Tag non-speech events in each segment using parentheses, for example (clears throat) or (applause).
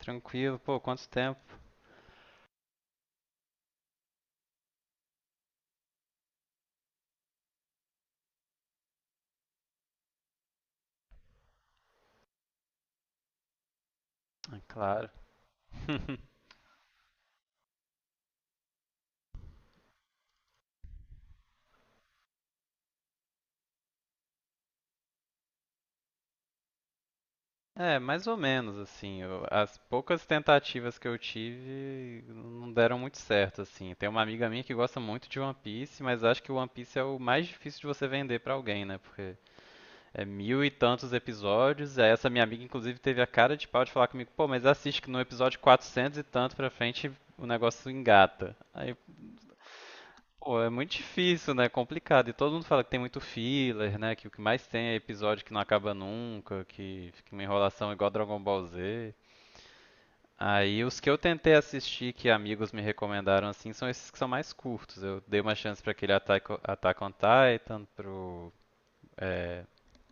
Tranquilo, pô, quanto tempo? Ah, claro. (laughs) É, mais ou menos assim. As poucas tentativas que eu tive não deram muito certo, assim. Tem uma amiga minha que gosta muito de One Piece, mas acho que o One Piece é o mais difícil de você vender pra alguém, né? Porque é mil e tantos episódios. E aí essa minha amiga, inclusive, teve a cara de pau de falar comigo, pô, mas assiste que no episódio 400 e tanto pra frente o negócio engata. Aí. Pô, é muito difícil, né? É complicado. E todo mundo fala que tem muito filler, né? Que o que mais tem é episódio que não acaba nunca, que fica uma enrolação igual Dragon Ball Z. Aí os que eu tentei assistir que amigos me recomendaram assim são esses que são mais curtos. Eu dei uma chance pra aquele Attack on Titan, pro é,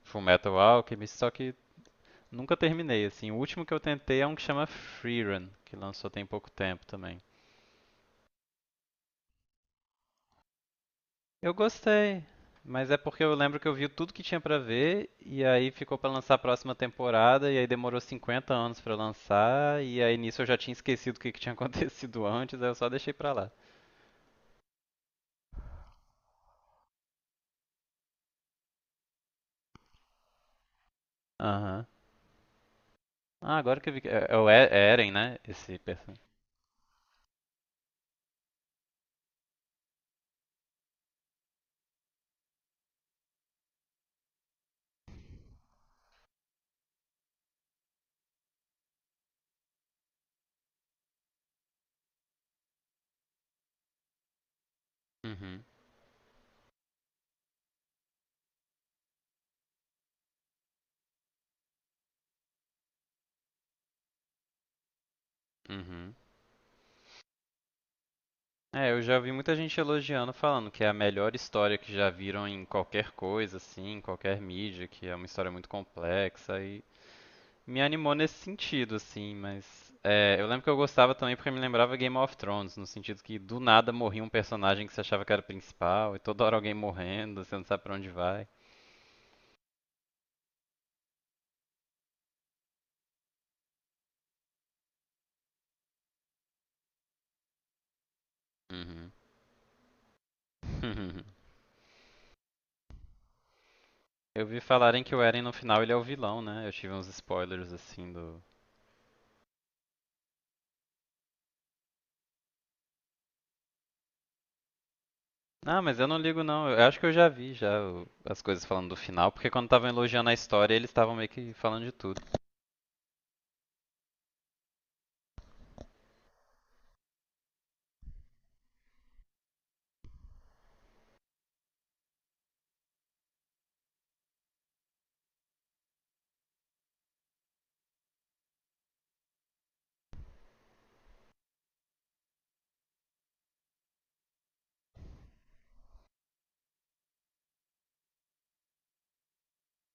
Fullmetal Alchemist, só que nunca terminei assim. O último que eu tentei é um que chama Freerun, que lançou tem pouco tempo também. Eu gostei, mas é porque eu lembro que eu vi tudo que tinha pra ver e aí ficou pra lançar a próxima temporada e aí demorou 50 anos pra lançar e aí nisso eu já tinha esquecido o que que tinha (laughs) acontecido antes, aí eu só deixei pra lá. Aham. Ah, agora que eu vi que é o é Eren, né? Esse personagem. Uhum. Uhum. É, eu já vi muita gente elogiando, falando que é a melhor história que já viram em qualquer coisa, assim, em qualquer mídia, que é uma história muito complexa. Me animou nesse sentido, assim, mas eu lembro que eu gostava também porque me lembrava Game of Thrones, no sentido que do nada morria um personagem que você achava que era o principal, e toda hora alguém morrendo, você não sabe pra onde vai. Uhum. (laughs) Eu vi falarem que o Eren no final ele é o vilão, né? Eu tive uns spoilers assim do. Ah, mas eu não ligo não. Eu acho que eu já vi já as coisas falando do final, porque quando estavam elogiando a história, eles estavam meio que falando de tudo.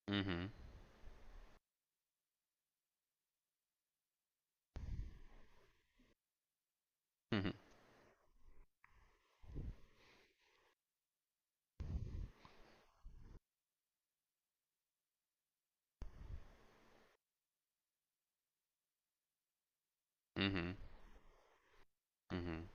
Uhum. Uhum. Uhum. Uhum.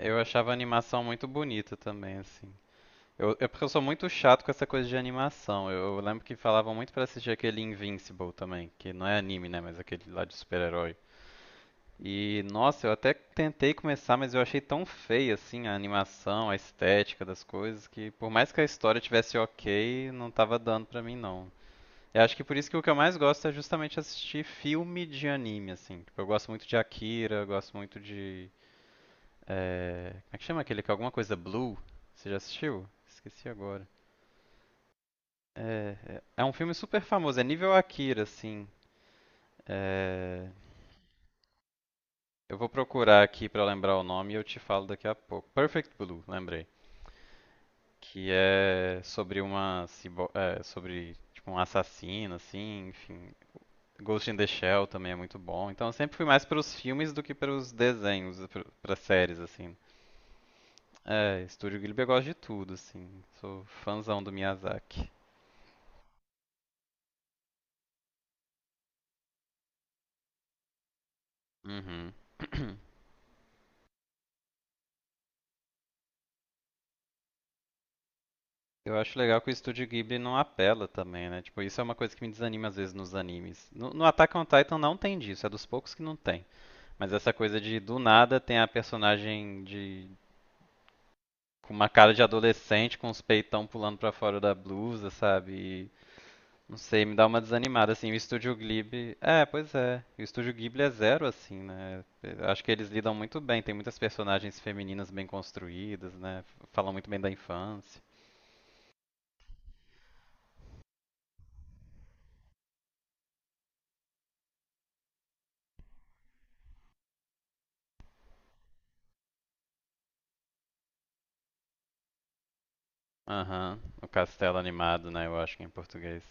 É, eu achava a animação muito bonita também, assim. É porque eu sou muito chato com essa coisa de animação. Eu lembro que falavam muito pra assistir aquele Invincible também, que não é anime, né, mas aquele lá de super-herói. E nossa, eu até tentei começar, mas eu achei tão feia assim a animação, a estética das coisas, que por mais que a história tivesse ok, não tava dando pra mim não. Eu acho que por isso que o que eu mais gosto é justamente assistir filme de anime, assim. Tipo, eu gosto muito de Akira, eu gosto muito de. Como é que chama aquele que é alguma coisa Blue? Você já assistiu? Esqueci agora. É, é um filme super famoso, é nível Akira, assim. É, eu vou procurar aqui pra lembrar o nome e eu te falo daqui a pouco. Perfect Blue, lembrei. Que é sobre uma sobre tipo um assassino, assim, enfim. Ghost in the Shell também é muito bom. Então eu sempre fui mais pros filmes do que pros desenhos, pra séries, assim. É, Estúdio Ghibli eu gosto de tudo, assim. Sou fãzão do Miyazaki. Uhum. (clears throat) Eu acho legal que o estúdio Ghibli não apela também, né? Tipo, isso é uma coisa que me desanima às vezes nos animes. No Attack on Titan não tem disso, é dos poucos que não tem. Mas essa coisa de do nada tem a personagem de com uma cara de adolescente, com os peitão pulando pra fora da blusa, sabe? E, não sei, me dá uma desanimada assim. O estúdio Ghibli, pois é. O estúdio Ghibli é zero assim, né? Eu acho que eles lidam muito bem, tem muitas personagens femininas bem construídas, né? Falam muito bem da infância. Aham, o Castelo Animado, né? Eu acho que é em português.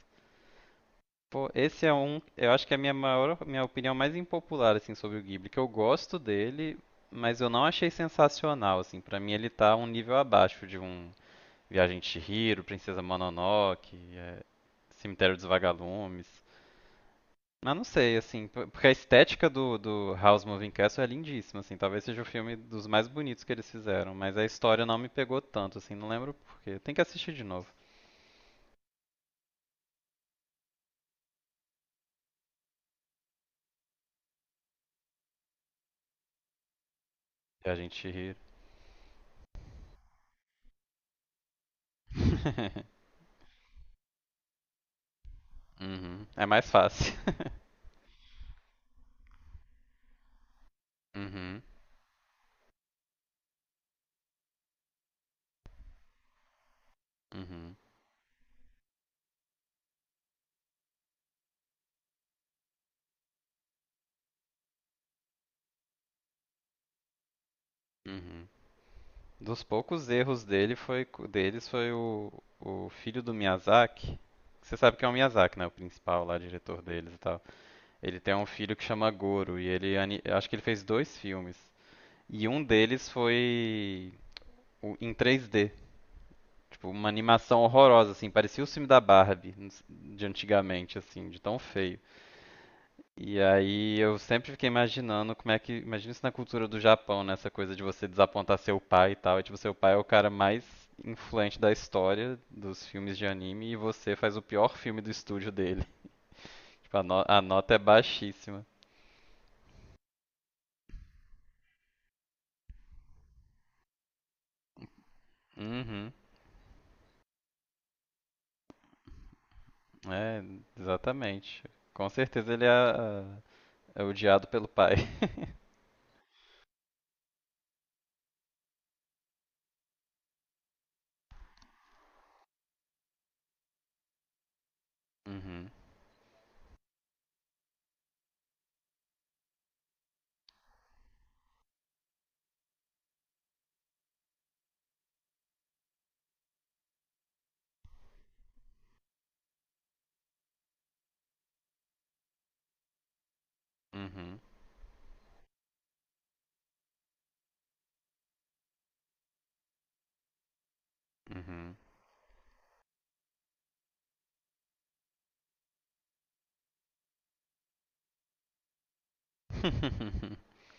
Pô, esse é um. Eu acho que é a minha maior, minha opinião mais impopular assim sobre o Ghibli, que eu gosto dele, mas eu não achei sensacional assim. Pra mim ele tá um nível abaixo de um Viagem de Chihiro, Princesa Mononoke, Cemitério dos Vagalumes. Mas não sei, assim, porque a estética do House Moving Castle é lindíssima, assim, talvez seja o filme dos mais bonitos que eles fizeram, mas a história não me pegou tanto, assim, não lembro por quê. Tem que assistir de novo. Viagem de Chihiro. (laughs) Uhum. É mais fácil. (laughs) Uhum. Uhum. Uhum. Dos poucos erros dele deles foi o filho do Miyazaki. Você sabe que é o Miyazaki, né? O principal lá, diretor deles e tal. Ele tem um filho que chama Goro e ele acho que ele fez dois filmes. E um deles foi em 3D. Tipo, uma animação horrorosa, assim. Parecia o filme da Barbie de antigamente, assim, de tão feio. E aí eu sempre fiquei imaginando como é que. Imagina isso na cultura do Japão, né? Essa coisa de você desapontar seu pai e tal. E tipo, seu pai é o cara mais influente da história dos filmes de anime e você faz o pior filme do estúdio dele. (laughs) Tipo, a, no- a nota é baixíssima. Uhum. É, exatamente. Com certeza ele é odiado pelo pai. (laughs) Uhum. Uhum. Uhum. (laughs)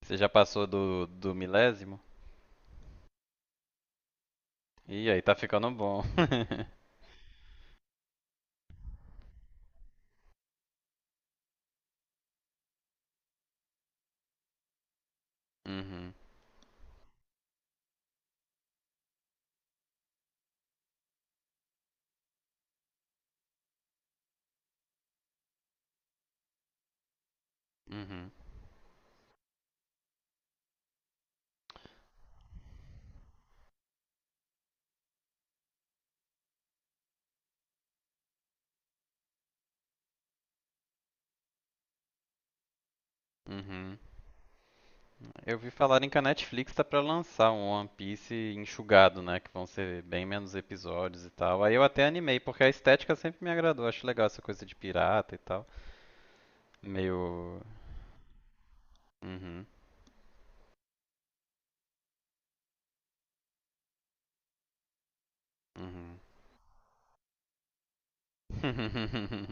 Você já passou do milésimo? Ih, aí tá ficando bom. (laughs) Uhum. Uhum. Uhum. Eu vi falarem que a Netflix tá pra lançar um One Piece enxugado, né? Que vão ser bem menos episódios e tal. Aí eu até animei, porque a estética sempre me agradou. Acho legal essa coisa de pirata e tal. Meio. Uhum. Uhum. (laughs)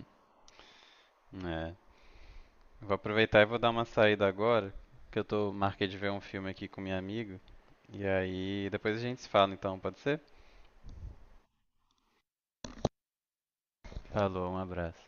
É. Vou aproveitar e vou dar uma saída agora, que eu tô marquei de ver um filme aqui com minha amiga. E aí depois a gente se fala então, pode ser? Falou, um abraço.